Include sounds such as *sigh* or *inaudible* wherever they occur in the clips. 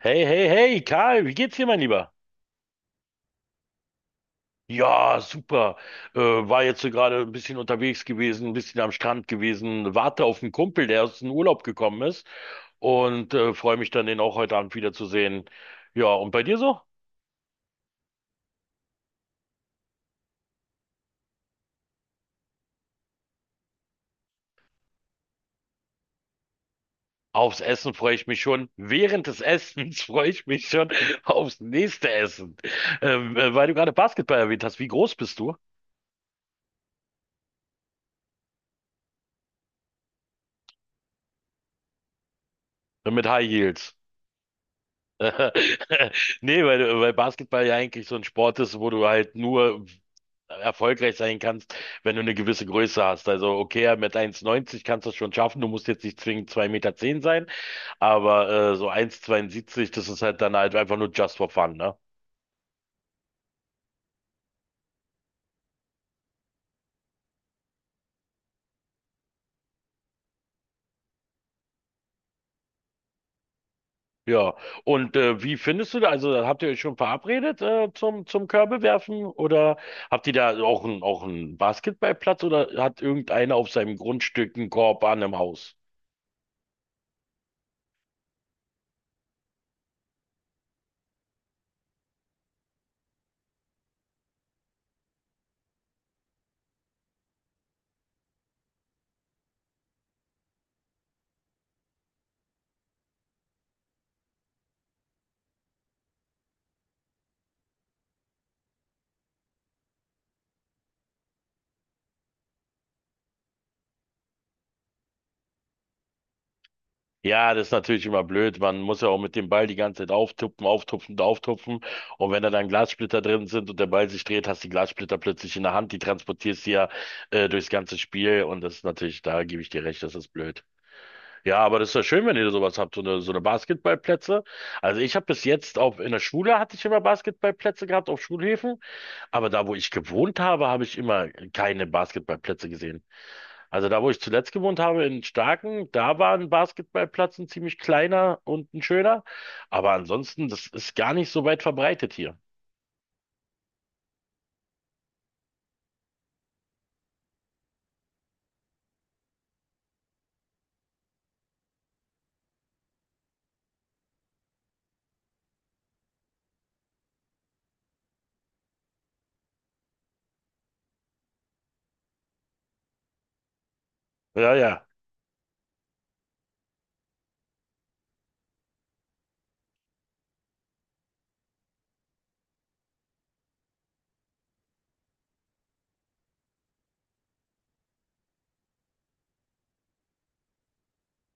Hey, hey, hey, Karl, wie geht's dir, mein Lieber? Ja, super. War jetzt so gerade ein bisschen unterwegs gewesen, ein bisschen am Strand gewesen, warte auf einen Kumpel, der aus dem Urlaub gekommen ist und freue mich dann, den auch heute Abend wiederzusehen. Ja, und bei dir so? Aufs Essen freue ich mich schon. Während des Essens *laughs* freue ich mich schon aufs nächste Essen. Weil du gerade Basketball erwähnt hast, wie groß bist du? Mit High Heels. *laughs* Nee, weil Basketball ja eigentlich so ein Sport ist, wo du halt nur erfolgreich sein kannst, wenn du eine gewisse Größe hast. Also okay, mit 1,90 kannst du es schon schaffen, du musst jetzt nicht zwingend 2,10 Meter zehn sein, aber so 1,72, das ist halt dann halt einfach nur just for fun, ne? Ja. Und wie findest du da, also habt ihr euch schon verabredet zum Körbewerfen oder habt ihr da auch einen Basketballplatz oder hat irgendeiner auf seinem Grundstück einen Korb an im Haus? Ja, das ist natürlich immer blöd. Man muss ja auch mit dem Ball die ganze Zeit auftupfen, auftupfen und auftupfen. Und wenn da dann Glassplitter drin sind und der Ball sich dreht, hast du die Glassplitter plötzlich in der Hand. Die transportierst du ja durchs ganze Spiel. Und das ist natürlich, da gebe ich dir recht, das ist blöd. Ja, aber das ist ja schön, wenn ihr sowas habt, so eine Basketballplätze. Also ich habe bis jetzt auch in der Schule hatte ich immer Basketballplätze gehabt auf Schulhöfen. Aber da, wo ich gewohnt habe, habe ich immer keine Basketballplätze gesehen. Also da, wo ich zuletzt gewohnt habe, in Starken, da war ein Basketballplatz ein ziemlich kleiner und ein schöner. Aber ansonsten, das ist gar nicht so weit verbreitet hier. Ja, ja.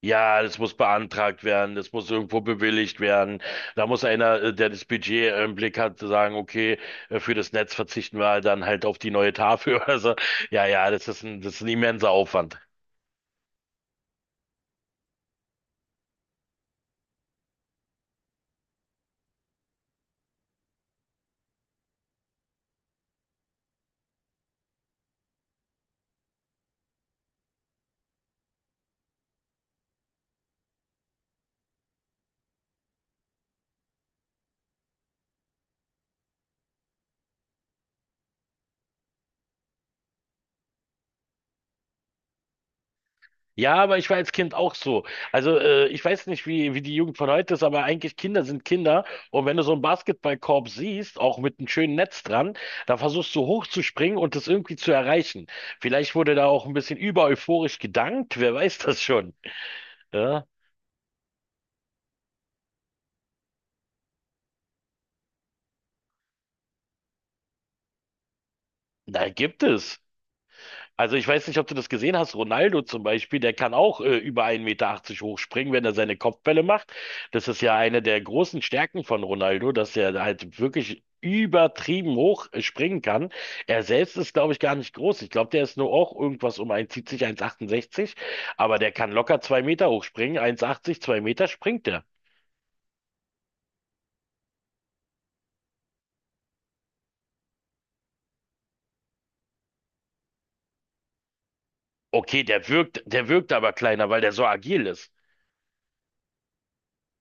Ja, das muss beantragt werden, das muss irgendwo bewilligt werden. Da muss einer, der das Budget im Blick hat, sagen, okay, für das Netz verzichten wir halt dann halt auf die neue Tafel. *laughs* Also, ja, ja, das ist ein immenser Aufwand. Ja, aber ich war als Kind auch so. Also ich weiß nicht, wie die Jugend von heute ist, aber eigentlich Kinder sind Kinder. Und wenn du so einen Basketballkorb siehst, auch mit einem schönen Netz dran, dann versuchst du hochzuspringen und das irgendwie zu erreichen. Vielleicht wurde da auch ein bisschen über euphorisch gedankt, wer weiß das schon. Ja, da gibt es. Also ich weiß nicht, ob du das gesehen hast. Ronaldo zum Beispiel, der kann auch über 1,80 Meter achtzig hochspringen, wenn er seine Kopfbälle macht. Das ist ja eine der großen Stärken von Ronaldo, dass er halt wirklich übertrieben hoch springen kann. Er selbst ist, glaube ich, gar nicht groß. Ich glaube, der ist nur auch irgendwas um 1,70, 1,68. Aber der kann locker zwei Meter hochspringen. 1,80, zwei Meter springt er. Okay, der wirkt aber kleiner, weil der so agil ist.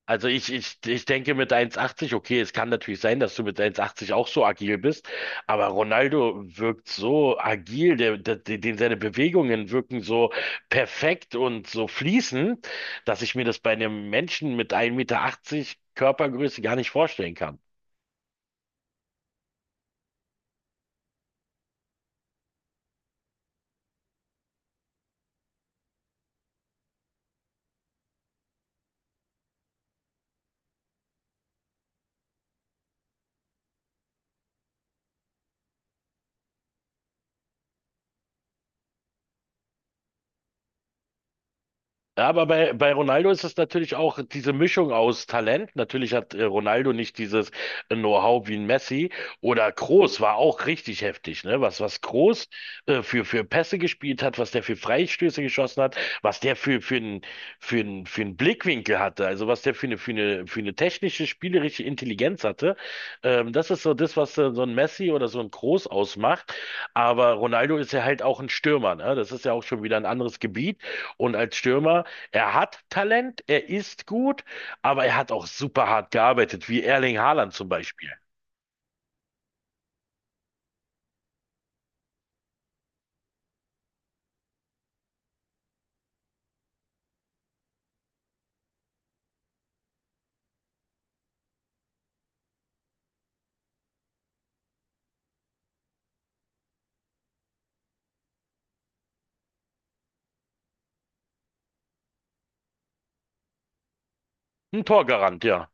Also ich denke mit 1,80, okay, es kann natürlich sein, dass du mit 1,80 auch so agil bist, aber Ronaldo wirkt so agil, den seine Bewegungen wirken so perfekt und so fließend, dass ich mir das bei einem Menschen mit 1,80 Meter Körpergröße gar nicht vorstellen kann. Ja, aber bei Ronaldo ist es natürlich auch diese Mischung aus Talent. Natürlich hat Ronaldo nicht dieses Know-how wie ein Messi. Oder Kroos war auch richtig heftig, ne? Was Kroos für Pässe gespielt hat, was der für Freistöße geschossen hat, was der für einen Blickwinkel hatte, also was der für eine technische, spielerische Intelligenz hatte. Das ist so das, was so ein Messi oder so ein Kroos ausmacht. Aber Ronaldo ist ja halt auch ein Stürmer, ne? Das ist ja auch schon wieder ein anderes Gebiet. Und als Stürmer er hat Talent, er ist gut, aber er hat auch super hart gearbeitet, wie Erling Haaland zum Beispiel. Ein Torgarant, ja.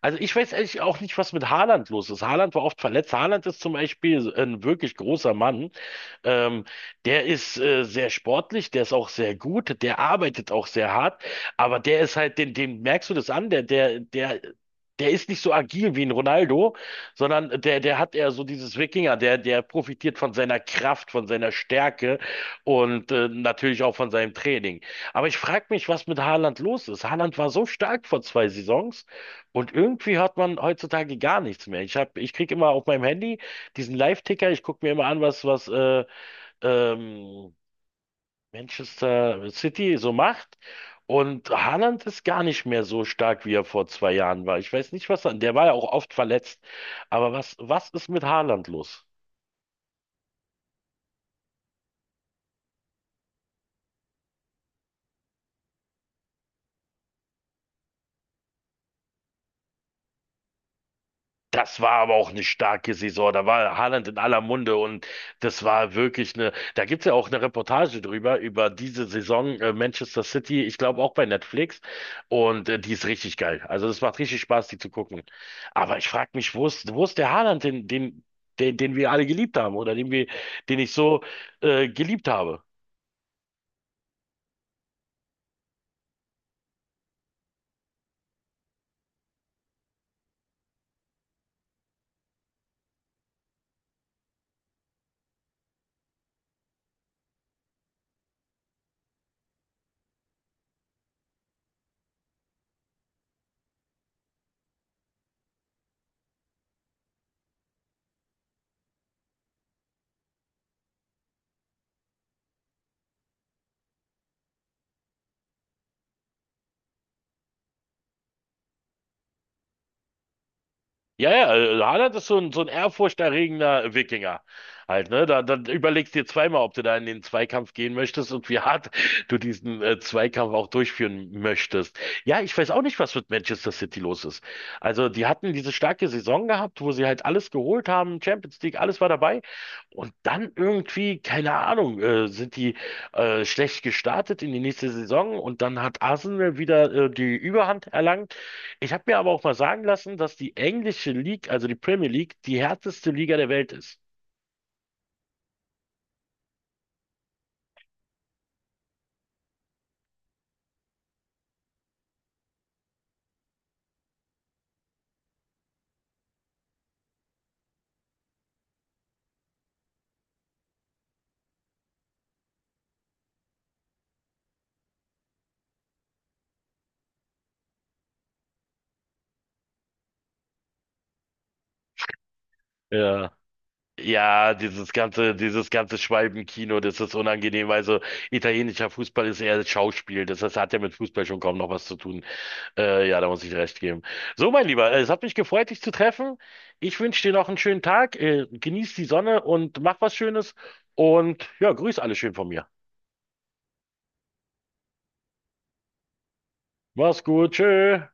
Also ich weiß ehrlich auch nicht, was mit Haaland los ist. Haaland war oft verletzt. Haaland ist zum Beispiel ein wirklich großer Mann. Ähm, Der ist sehr sportlich, der ist auch sehr gut, der arbeitet auch sehr hart, aber der ist halt, den, dem merkst du das an, der ist nicht so agil wie ein Ronaldo, sondern der hat eher so dieses Wikinger, der profitiert von seiner Kraft, von seiner Stärke und natürlich auch von seinem Training. Aber ich frage mich, was mit Haaland los ist. Haaland war so stark vor zwei Saisons und irgendwie hört man heutzutage gar nichts mehr. Ich krieg immer auf meinem Handy diesen Live-Ticker, ich gucke mir immer an, was ähm, Manchester City so macht. Und Haaland ist gar nicht mehr so stark, wie er vor zwei Jahren war. Ich weiß nicht, was er, der war ja auch oft verletzt. Aber was ist mit Haaland los? Das war aber auch eine starke Saison. Da war Haaland in aller Munde und das war wirklich eine. Da gibt's ja auch eine Reportage drüber, über diese Saison Manchester City, ich glaube auch bei Netflix. Und die ist richtig geil. Also das macht richtig Spaß, die zu gucken. Aber ich frage mich, wo ist der Haaland, den wir alle geliebt haben oder den ich so geliebt habe? Ja, ja, Haaland ist so ein ehrfurchterregender Wikinger. Halt, ne? Da überlegst dir zweimal, ob du da in den Zweikampf gehen möchtest und wie hart du diesen Zweikampf auch durchführen möchtest. Ja, ich weiß auch nicht, was mit Manchester City los ist. Also, die hatten diese starke Saison gehabt, wo sie halt alles geholt haben, Champions League, alles war dabei. Und dann irgendwie, keine Ahnung, sind die schlecht gestartet in die nächste Saison und dann hat Arsenal wieder die Überhand erlangt. Ich habe mir aber auch mal sagen lassen, dass die englische League, also die Premier League, die härteste Liga der Welt ist. Ja. Ja, dieses ganze, Schwalbenkino, das ist unangenehm. Also italienischer Fußball ist eher Schauspiel. Das heißt, hat ja mit Fußball schon kaum noch was zu tun. Ja, da muss ich dir recht geben. So, mein Lieber, es hat mich gefreut, dich zu treffen. Ich wünsche dir noch einen schönen Tag. Genieß die Sonne und mach was Schönes. Und ja, grüß alle schön von mir. Mach's gut. Tschö.